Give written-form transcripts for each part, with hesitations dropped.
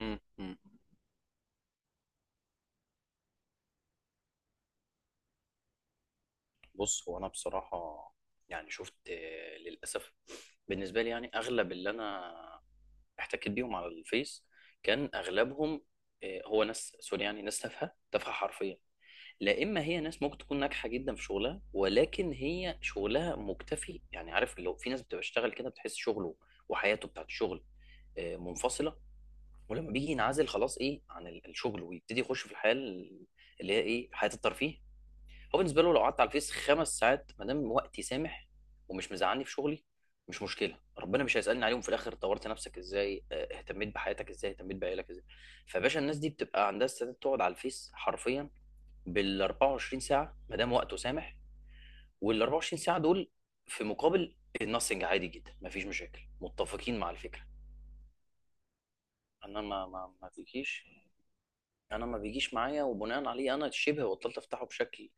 مم. مم. بص، هو انا بصراحه يعني شفت، للاسف. بالنسبه لي يعني اغلب اللي انا احتكيت بيهم على الفيس كان اغلبهم هو ناس سوري، يعني ناس تافهه تافهه حرفيا. لا، اما هي ناس ممكن تكون ناجحه جدا في شغلها، ولكن هي شغلها مكتفي. يعني عارف، لو في ناس بتشتغل كده بتحس شغله وحياته بتاعت الشغل منفصله. ولما بيجي ينعزل خلاص، ايه، عن الشغل ويبتدي يخش في الحياه اللي هي ايه حياه الترفيه. هو بالنسبه له لو قعدت على الفيس 5 ساعات ما دام وقتي سامح ومش مزعلني في شغلي، مش مشكله. ربنا مش هيسالني عليهم في الاخر، طورت نفسك ازاي، اهتميت بحياتك ازاي، اهتميت بعيالك ازاي. فباشا الناس دي بتبقى عندها استعداد تقعد على الفيس حرفيا بال 24 ساعه ما دام وقته سامح، وال 24 ساعه دول في مقابل النصنج عادي جدا، مفيش مشاكل، متفقين مع الفكره. انا ما تجيش، يعني انا ما بيجيش معايا، وبناء عليه انا شبه بطلت افتحه بشكل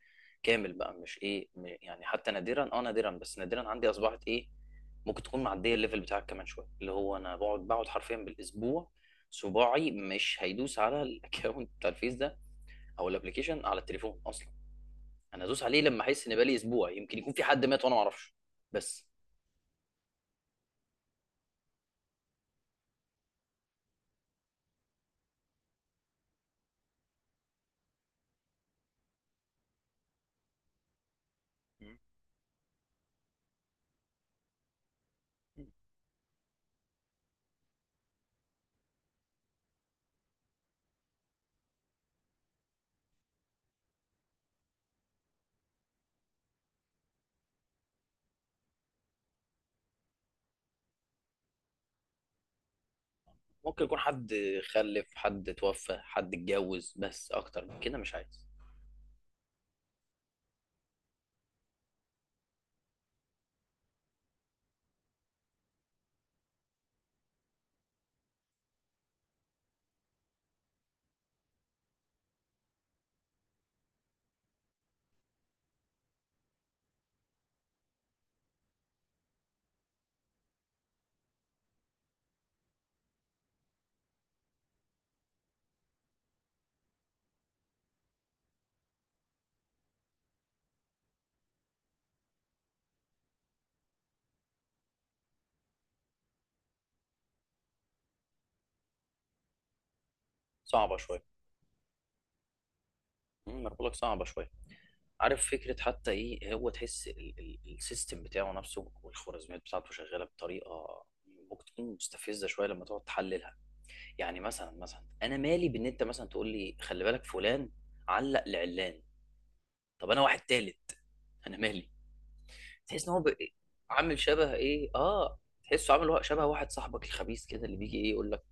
كامل بقى. مش ايه يعني حتى نادرا، نادرا، بس نادرا عندي اصبحت ايه ممكن تكون معديه الليفل بتاعك كمان شويه. اللي هو انا بقعد حرفيا بالاسبوع صباعي مش هيدوس على الاكونت بتاع الفيس ده او الابلكيشن على التليفون اصلا. انا هدوس عليه لما احس ان بقالي اسبوع يمكن يكون في حد مات وانا ما اعرفش. بس ممكن يكون حد خلف، حد توفى، حد اتجوز، بس اكتر من كده مش عايز. صعبه شويه، انا بقول لك صعبه شويه. عارف فكرة حتى ايه، هو تحس السيستم بتاعه نفسه والخوارزميات بتاعته شغالة بطريقة ممكن تكون مستفزة شوية لما تقعد تحللها. يعني مثلا انا مالي بان انت مثلا تقول لي خلي بالك فلان علق لعلان. طب انا واحد تالت، انا مالي. تحس ان هو عامل شبه ايه، تحسه عامل شبه واحد صاحبك الخبيث كده اللي بيجي ايه يقول لك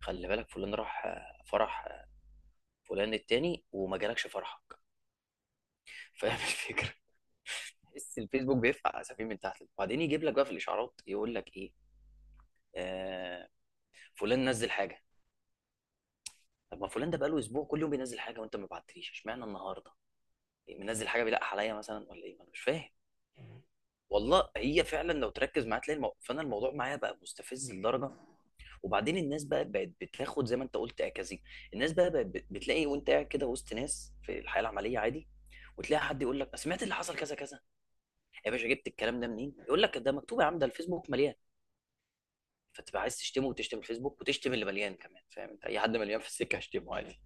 خلي بالك فلان راح فرح، فلان التاني وما جالكش فرحك، فاهم الفكرة. تحس الفيسبوك بيرفع اسفين من تحت، وبعدين يجيب لك بقى في الاشعارات يقول لك ايه، آه فلان نزل حاجه. طب ما فلان ده بقاله اسبوع كل يوم بينزل حاجه وانت ما بعتليش، اشمعنى النهارده إيه، منزل حاجه بيلقح عليا مثلا ولا ايه، انا مش فاهم. والله هي فعلا، لو تركز معايا تلاقي فانا الموضوع معايا بقى مستفز لدرجه. وبعدين الناس بقى بقت بتاخد زي ما انت قلت اكاذيب. الناس بقى بقت بتلاقي وانت قاعد كده وسط ناس في الحياه العمليه عادي، وتلاقي حد يقول لك سمعت اللي حصل كذا كذا. يا باشا جبت الكلام ده منين؟ يقول لك ده مكتوب يا عم، ده الفيسبوك مليان. فتبقى عايز تشتمه وتشتم الفيسبوك وتشتم اللي مليان كمان، فاهم انت؟ اي حد مليان في السكه هشتمه عادي.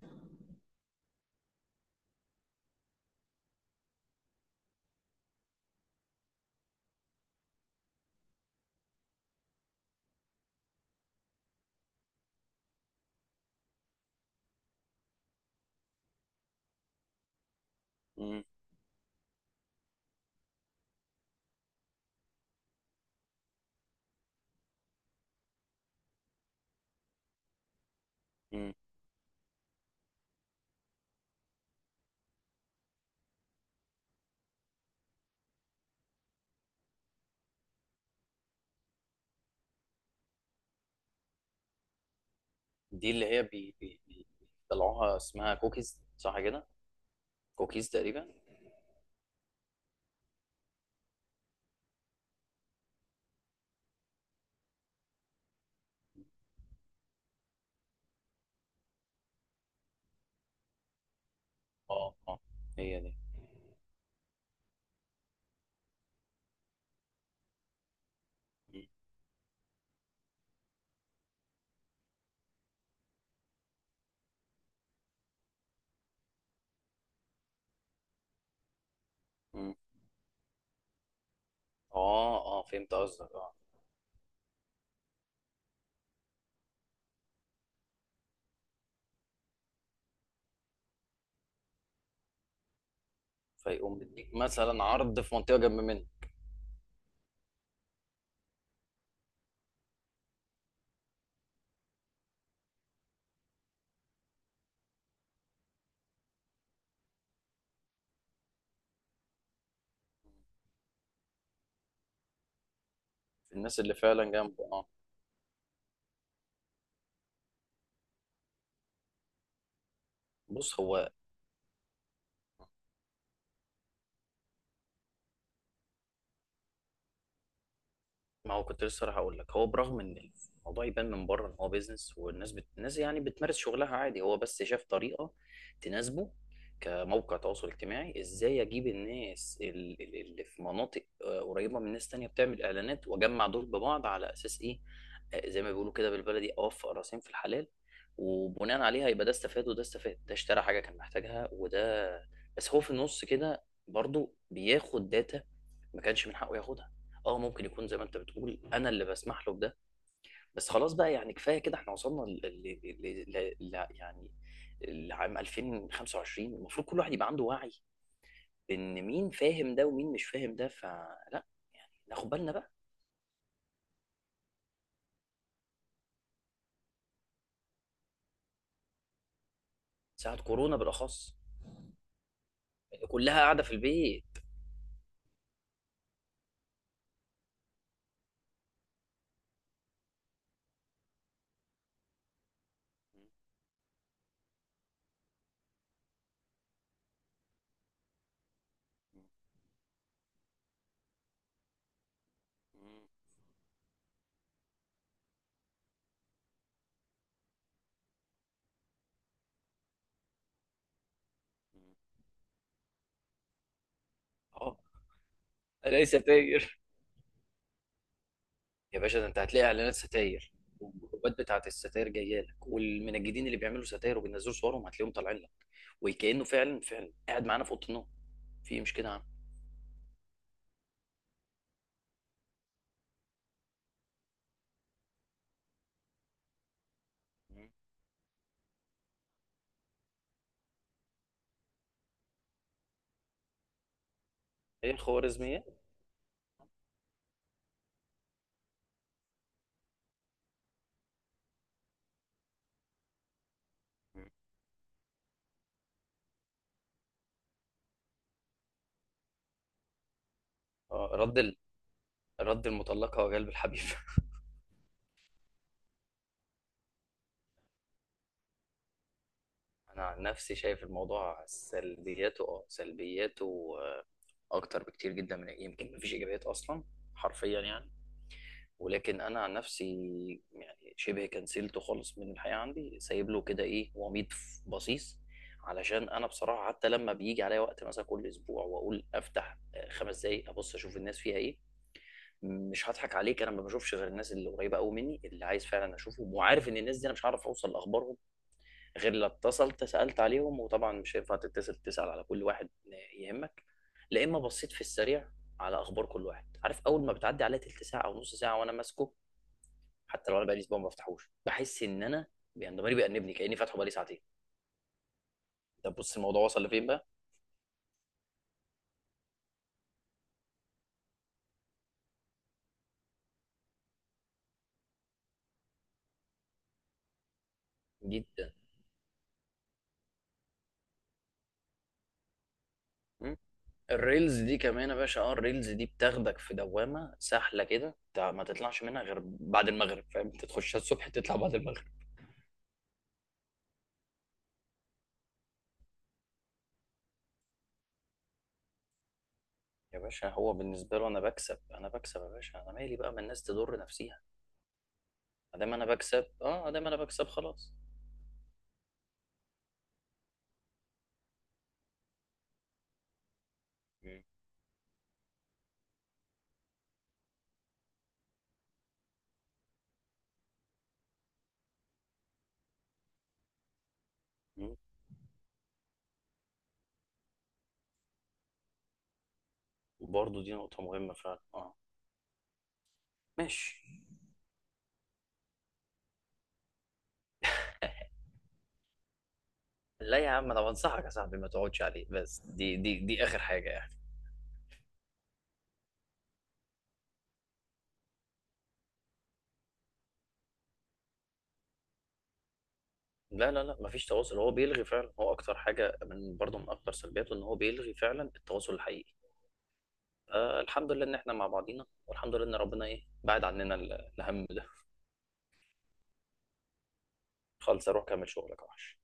مم. مم. دي اللي هي بيطلعوها اسمها كوكيز، صح كده؟ كوكيز تقريبا. اه، اه، هي دي. مم. مم. اه اه، فهمت قصدك، اه. فيقوم مديك مثلا عرض في منطقه جنب منه. الناس اللي فعلا جنبه، اه. بص هو، ما هو كنت لسه راح اقول لك، هو برغم ان الموضوع يبان من بره ان هو بيزنس والناس الناس يعني بتمارس شغلها عادي، هو بس شاف طريقه تناسبه كموقع تواصل اجتماعي. ازاي اجيب الناس اللي في مناطق قريبه من ناس تانية بتعمل اعلانات، واجمع دول ببعض على اساس ايه، زي ما بيقولوا كده بالبلدي، اوفق راسين في الحلال. وبناء عليها يبقى ده استفاد وده استفاد، ده اشترى حاجه كان محتاجها، وده بس هو في النص كده برضو بياخد داتا ما كانش من حقه ياخدها. اه ممكن يكون زي ما انت بتقول، انا اللي بسمح له بده. بس خلاص بقى، يعني كفايه كده. احنا وصلنا يعني لعام 2025، المفروض كل واحد يبقى عنده وعي بان مين فاهم ده ومين مش فاهم ده، فلا يعني ناخد بالنا بقى. ساعة كورونا بالاخص، كلها قاعده في البيت. اه، ليس. يا باشا ده انت هتلاقي اعلانات ستاير، والجروبات بتاعت الستاير جايه لك، والمنجدين اللي بيعملوا ستاير وبينزلوا صورهم هتلاقيهم طالعين لك، وكانه فعلا فعلا قاعد معانا في اوضه النوم في إيه، مش كده يا عم؟ مم. ايه الخوارزميات؟ مم. اه، رد المطلقه وجلب الحبيب. انا عن نفسي شايف الموضوع سلبياته، اه سلبياته، اكتر بكتير جدا من إيه، يمكن مفيش ايجابيات اصلا، حرفيا يعني. ولكن انا عن نفسي يعني شبه كنسلته خالص من الحياه عندي، سايب له كده ايه وميض، بصيص. علشان انا بصراحه حتى لما بيجي عليا وقت مثلا كل اسبوع واقول افتح 5 دقايق ابص اشوف الناس فيها ايه، مش هضحك عليك، انا ما بشوفش غير الناس اللي قريبه قوي مني اللي عايز فعلا اشوفهم، وعارف ان الناس دي انا مش هعرف اوصل لاخبارهم غير لو اتصلت سالت عليهم. وطبعا مش هينفع تتصل تسال على كل واحد يهمك. لا اما بصيت في السريع على اخبار كل واحد، عارف اول ما بتعدي عليا تلت ساعه او نص ساعه وانا ماسكه. حتى لو انا بقالي اسبوع ما بفتحوش، بحس ان انا يعني ضميري بيأنبني كأني فاتحه بقالي ساعتين. طب بص الموضوع وصل لفين بقى. جدا. م? الريلز دي كمان يا باشا، اه الريلز دي بتاخدك في دوامه سهله كده، ما تطلعش منها غير بعد المغرب، فاهم انت؟ تخشها الصبح تطلع بعد المغرب. يا باشا هو بالنسبه له انا بكسب، انا بكسب، يا باشا انا مالي بقى، ما الناس تضر نفسيها ما دام انا بكسب، اه ما دام انا بكسب خلاص. م. م. وبرضه دي نقطه مهمه فعلا، اه. ماشي. لا يا عم، انا بنصحك يا صاحبي ما تقعدش عليه، بس دي اخر حاجه يعني. لا لا لا، مفيش تواصل، هو بيلغي فعلا، هو اكتر حاجه من برضه من اكتر سلبياته، ان هو بيلغي فعلا التواصل الحقيقي. الحمد لله ان احنا مع بعضينا، والحمد لله ان ربنا ايه بعد عننا الهم ده. خالص اروح اكمل شغلك يا وحش.